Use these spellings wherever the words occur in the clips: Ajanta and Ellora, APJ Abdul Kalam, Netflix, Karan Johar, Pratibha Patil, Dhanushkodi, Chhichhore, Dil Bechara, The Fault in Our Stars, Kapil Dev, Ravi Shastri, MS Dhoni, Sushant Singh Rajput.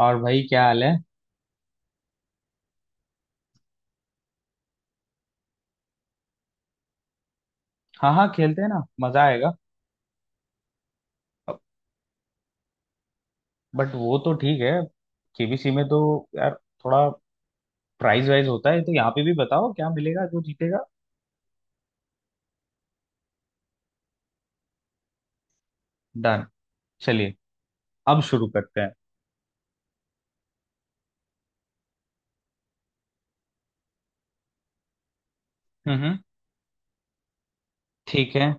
और भाई क्या हाल है? हाँ हाँ, खेलते हैं ना, मजा आएगा। बट वो तो ठीक है, केबीसी में तो यार थोड़ा प्राइज वाइज होता है, तो यहाँ पे भी बताओ क्या मिलेगा जो जीतेगा। डन। चलिए, अब शुरू करते हैं। हम्म। ठीक है।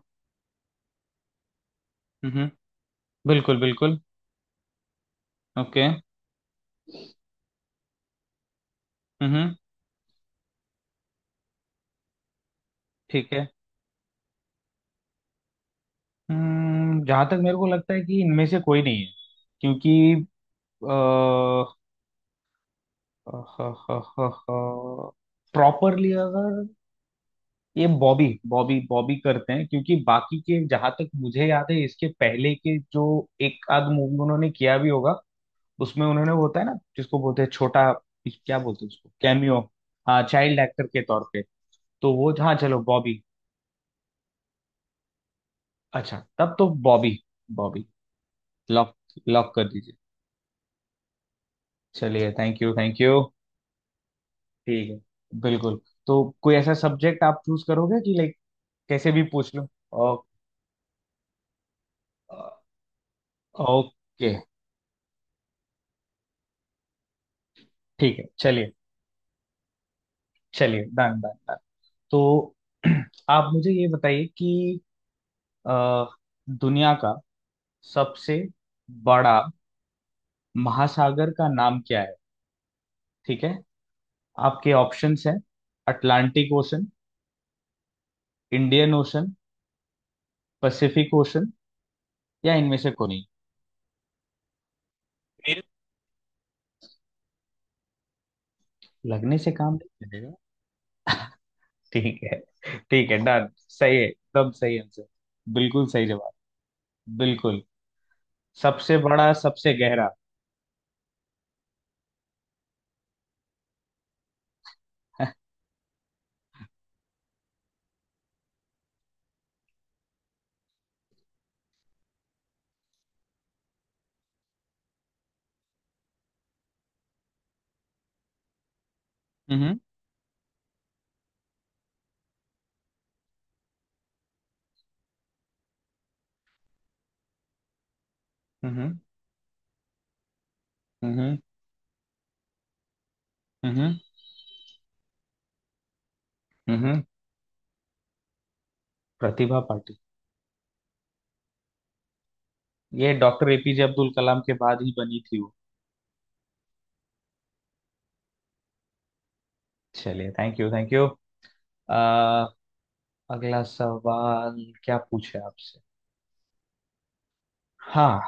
हम्म, बिल्कुल बिल्कुल। ओके। हम्म। ठीक है। हम्म, जहां तक मेरे को लगता है कि इनमें से कोई नहीं है, क्योंकि प्रॉपरली अगर ये बॉबी बॉबी बॉबी करते हैं, क्योंकि बाकी के जहां तक मुझे याद है इसके पहले के जो एक आध मूवी उन्होंने किया भी होगा, उसमें उन्होंने वो होता है ना, जिसको बोलते हैं छोटा, क्या बोलते हैं उसको, कैमियो। हाँ, चाइल्ड एक्टर के तौर पे, तो वो हाँ, चलो बॉबी। अच्छा, तब तो बॉबी। बॉबी लॉक, लॉक कर दीजिए। चलिए, थैंक यू थैंक यू। ठीक है, बिल्कुल। तो कोई ऐसा सब्जेक्ट आप चूज करोगे कि लाइक कैसे भी पूछ लो। ओ- ओके। ठीक है, चलिए। चलिए, डन डन। तो आप मुझे ये बताइए कि अ, दुनिया का सबसे बड़ा महासागर का नाम क्या है? ठीक है, आपके ऑप्शंस हैं— Atlantic ocean, Indian ocean, Pacific ocean, या इनमें से कोई नहीं। मेरे लगने से काम नहीं चलेगा। ठीक है, ठीक है डन, सही है, एकदम सही आंसर। बिल्कुल सही जवाब। बिल्कुल, सबसे बड़ा सबसे गहरा। हम्म हम्म हम्म हम्म हम्म हम्म, प्रतिभा पाटिल। ये डॉक्टर एपीजे अब्दुल कलाम के बाद ही बनी थी वो। चलिए, थैंक यू थैंक यू। आ, अगला सवाल, क्या पूछे आपसे। हाँ,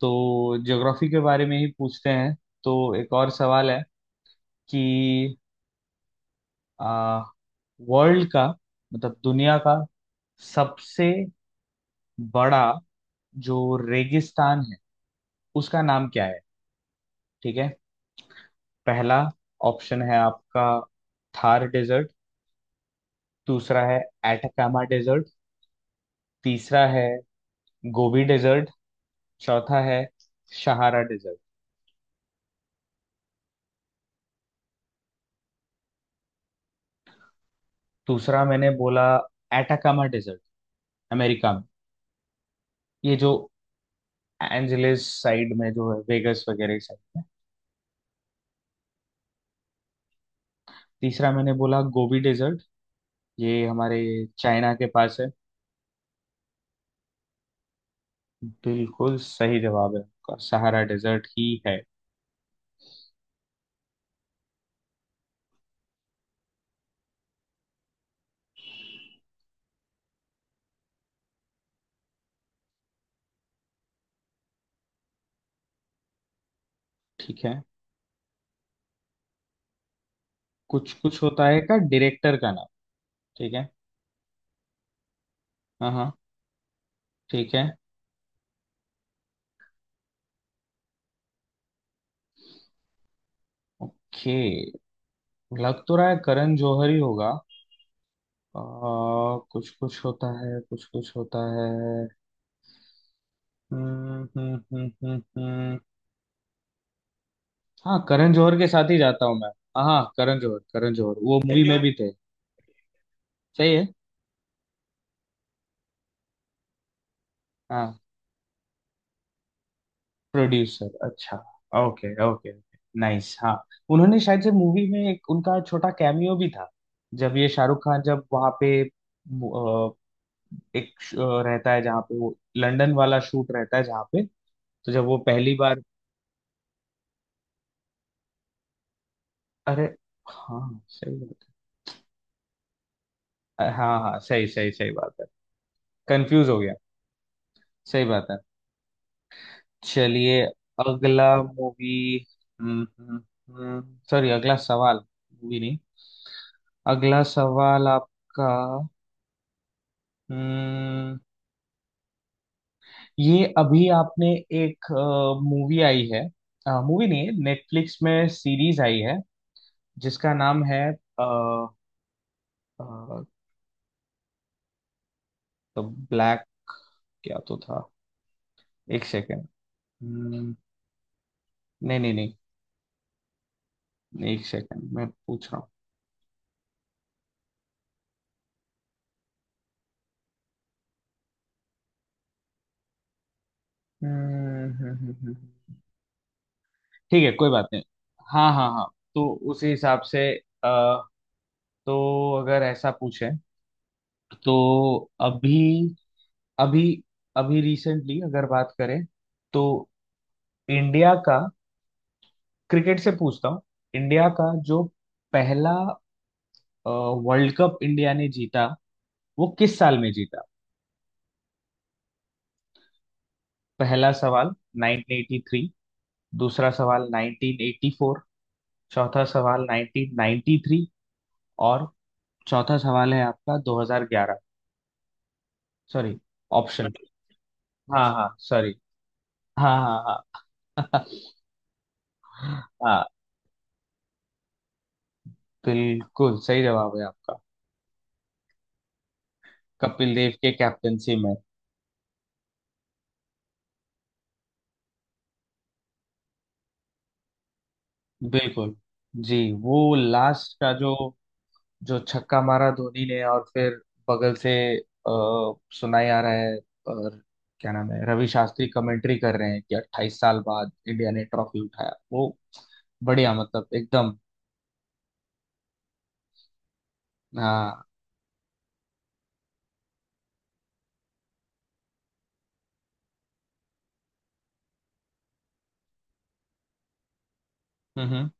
तो ज्योग्राफी के बारे में ही पूछते हैं। तो एक और सवाल है कि आ, वर्ल्ड का मतलब दुनिया का सबसे बड़ा जो रेगिस्तान है उसका नाम क्या है? ठीक है, पहला ऑप्शन है आपका थार डेजर्ट, दूसरा है एटाकामा डेजर्ट, तीसरा है गोबी डेजर्ट, चौथा है सहारा डेजर्ट। दूसरा मैंने बोला एटाकामा डेजर्ट, अमेरिका में, ये जो एंजलिस साइड में जो है, वेगस वगैरह साइड में। तीसरा मैंने बोला गोबी डेजर्ट, ये हमारे चाइना के पास है। बिल्कुल सही जवाब है आपका, सहारा डेजर्ट ही है। ठीक है। कुछ कुछ होता है का डायरेक्टर का नाम? ठीक है, हाँ हाँ, ठीक है। ओके, लग तो रहा है करण जौहर ही होगा। आ, कुछ कुछ होता है, कुछ कुछ होता है। हम्म हम्म, हम्म, हम्म, हम्म। हाँ, करण जौहर के साथ ही जाता हूँ मैं। हाँ, करण जौहर, करण जौहर वो मूवी में प्रोड्यूसर भी थे। सही है। हाँ, प्रोड्यूसर, अच्छा। Okay okay. नाइस, हाँ। उन्होंने शायद से मूवी में एक उनका छोटा कैमियो भी था, जब ये शाहरुख खान जब वहाँ पे एक रहता है जहाँ पे, वो लंदन वाला शूट रहता है जहाँ पे, तो जब वो पहली बार— अरे हाँ, सही बात है। हाँ हाँ, सही सही सही बात है, कंफ्यूज हो गया। सही बात है। चलिए, अगला मूवी, सॉरी, अगला सवाल। मूवी नहीं। अगला सवाल आपका। हम्म, ये अभी आपने एक मूवी आई है, मूवी नहीं है, नेटफ्लिक्स में सीरीज आई है, जिसका नाम है अ, तो ब्लैक क्या तो था, एक सेकेंड, नहीं नहीं नहीं, एक सेकेंड, मैं पूछ रहा हूँ। हम्म, हम्म, हम्म, हम्म। ठीक है, कोई बात नहीं। हाँ हाँ हाँ। तो उसी हिसाब से अ, तो अगर ऐसा पूछें तो अभी अभी अभी रिसेंटली अगर बात करें तो इंडिया का, क्रिकेट से पूछता हूँ, इंडिया का जो पहला वर्ल्ड कप इंडिया ने जीता वो किस साल में जीता? पहला सवाल 1983, दूसरा सवाल 1984, चौथा सवाल 1993, और चौथा सवाल है आपका 2011। सॉरी, ऑप्शन, हाँ हाँ सॉरी। हाँ हाँ हाँ। हाँ, बिल्कुल सही जवाब है आपका, कपिल देव के कैप्टनसी में। बिल्कुल। जी, वो लास्ट का जो, जो छक्का मारा धोनी ने और फिर बगल से अ, सुनाई आ रहा है, और क्या नाम है, रवि शास्त्री कमेंट्री कर रहे हैं कि 28 साल बाद इंडिया ने ट्रॉफी उठाया वो। बढ़िया, मतलब एकदम। हाँ। हम्म हम्म,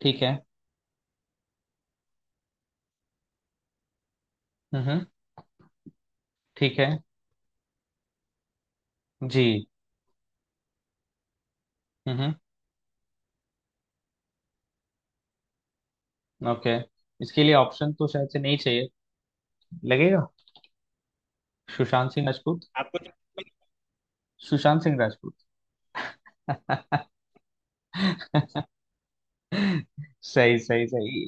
ठीक है। हम्म हम्म, ठीक है। जी। हम्म हम्म, ओके, इसके लिए ऑप्शन तो शायद से नहीं चाहिए लगेगा। सुशांत सिंह राजपूत, आपको जो- सुशांत सिंह राजपूत। सही सही सही।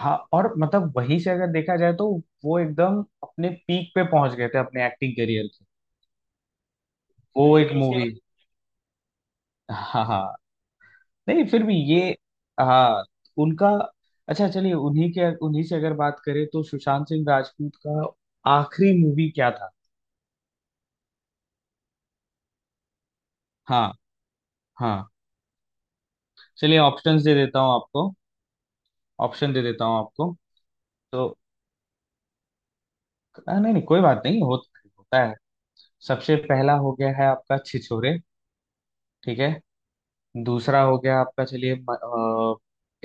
हाँ, और मतलब वहीं से अगर देखा जाए तो वो एकदम अपने पीक पे पहुंच गए थे अपने एक्टिंग करियर के। वो एक बिल्कुल मूवी उसके, हाँ हाँ, नहीं फिर भी ये, हाँ उनका। अच्छा, चलिए उन्हीं के, उन्हीं से अगर बात करें तो सुशांत सिंह राजपूत का आखिरी मूवी क्या था? हाँ हाँ। चलिए, ऑप्शंस दे देता हूँ आपको, ऑप्शन दे देता हूँ आपको। तो हाँ, नहीं नहीं कोई बात नहीं, हो, होता है। सबसे पहला हो गया है आपका छिछोरे, ठीक है, दूसरा हो गया आपका, चलिए,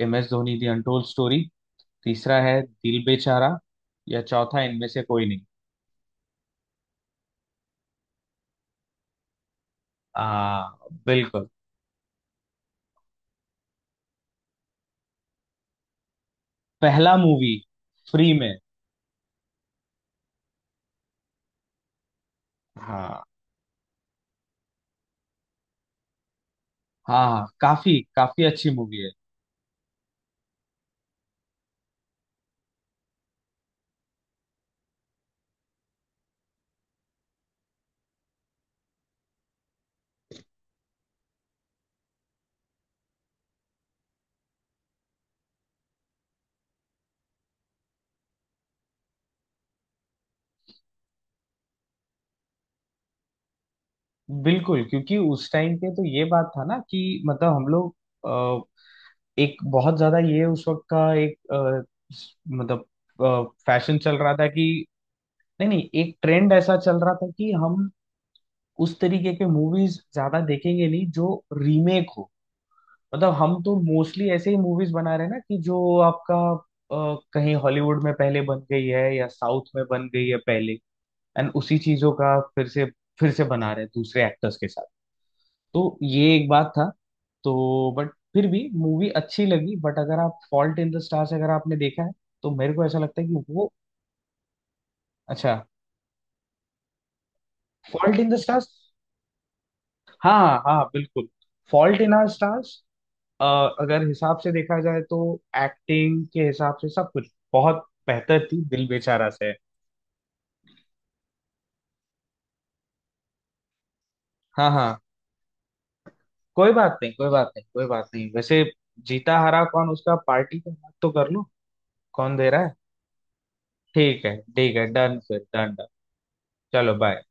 M S Dhoni the untold story, तीसरा है दिल बेचारा, या चौथा इनमें से कोई नहीं। हाँ, बिल्कुल। पहला मूवी, फ्री में। हाँ हाँ हाँ, काफी काफी अच्छी मूवी है। बिल्कुल, क्योंकि उस टाइम पे तो ये बात था ना कि मतलब हम लोग एक बहुत ज्यादा ये उस वक्त का एक मतलब फैशन चल रहा था कि, नहीं नहीं, एक ट्रेंड ऐसा चल रहा था कि हम उस तरीके के मूवीज ज्यादा देखेंगे नहीं, जो रीमेक हो। मतलब हम तो मोस्टली ऐसे ही मूवीज बना रहे हैं ना, कि जो आपका कहीं हॉलीवुड में पहले बन गई है या साउथ में बन गई है पहले, एंड उसी चीजों का फिर से बना रहे हैं दूसरे एक्टर्स के साथ। तो ये एक बात था। तो बट फिर भी मूवी अच्छी लगी, बट अगर आप फॉल्ट इन द स्टार्स अगर आपने देखा है तो मेरे को ऐसा लगता है कि वो अच्छा। फॉल्ट इन द स्टार्स, हाँ हाँ हाँ, बिल्कुल। फॉल्ट इन आवर स्टार्स अगर हिसाब से देखा जाए तो एक्टिंग के हिसाब से सब कुछ बहुत बेहतर थी दिल बेचारा से। हाँ हाँ, कोई बात नहीं कोई बात नहीं कोई बात नहीं वैसे, जीता हरा कौन, उसका पार्टी का बात तो कर लो, कौन दे रहा है? ठीक है ठीक है, डन फिर, डन डन। चलो बाय।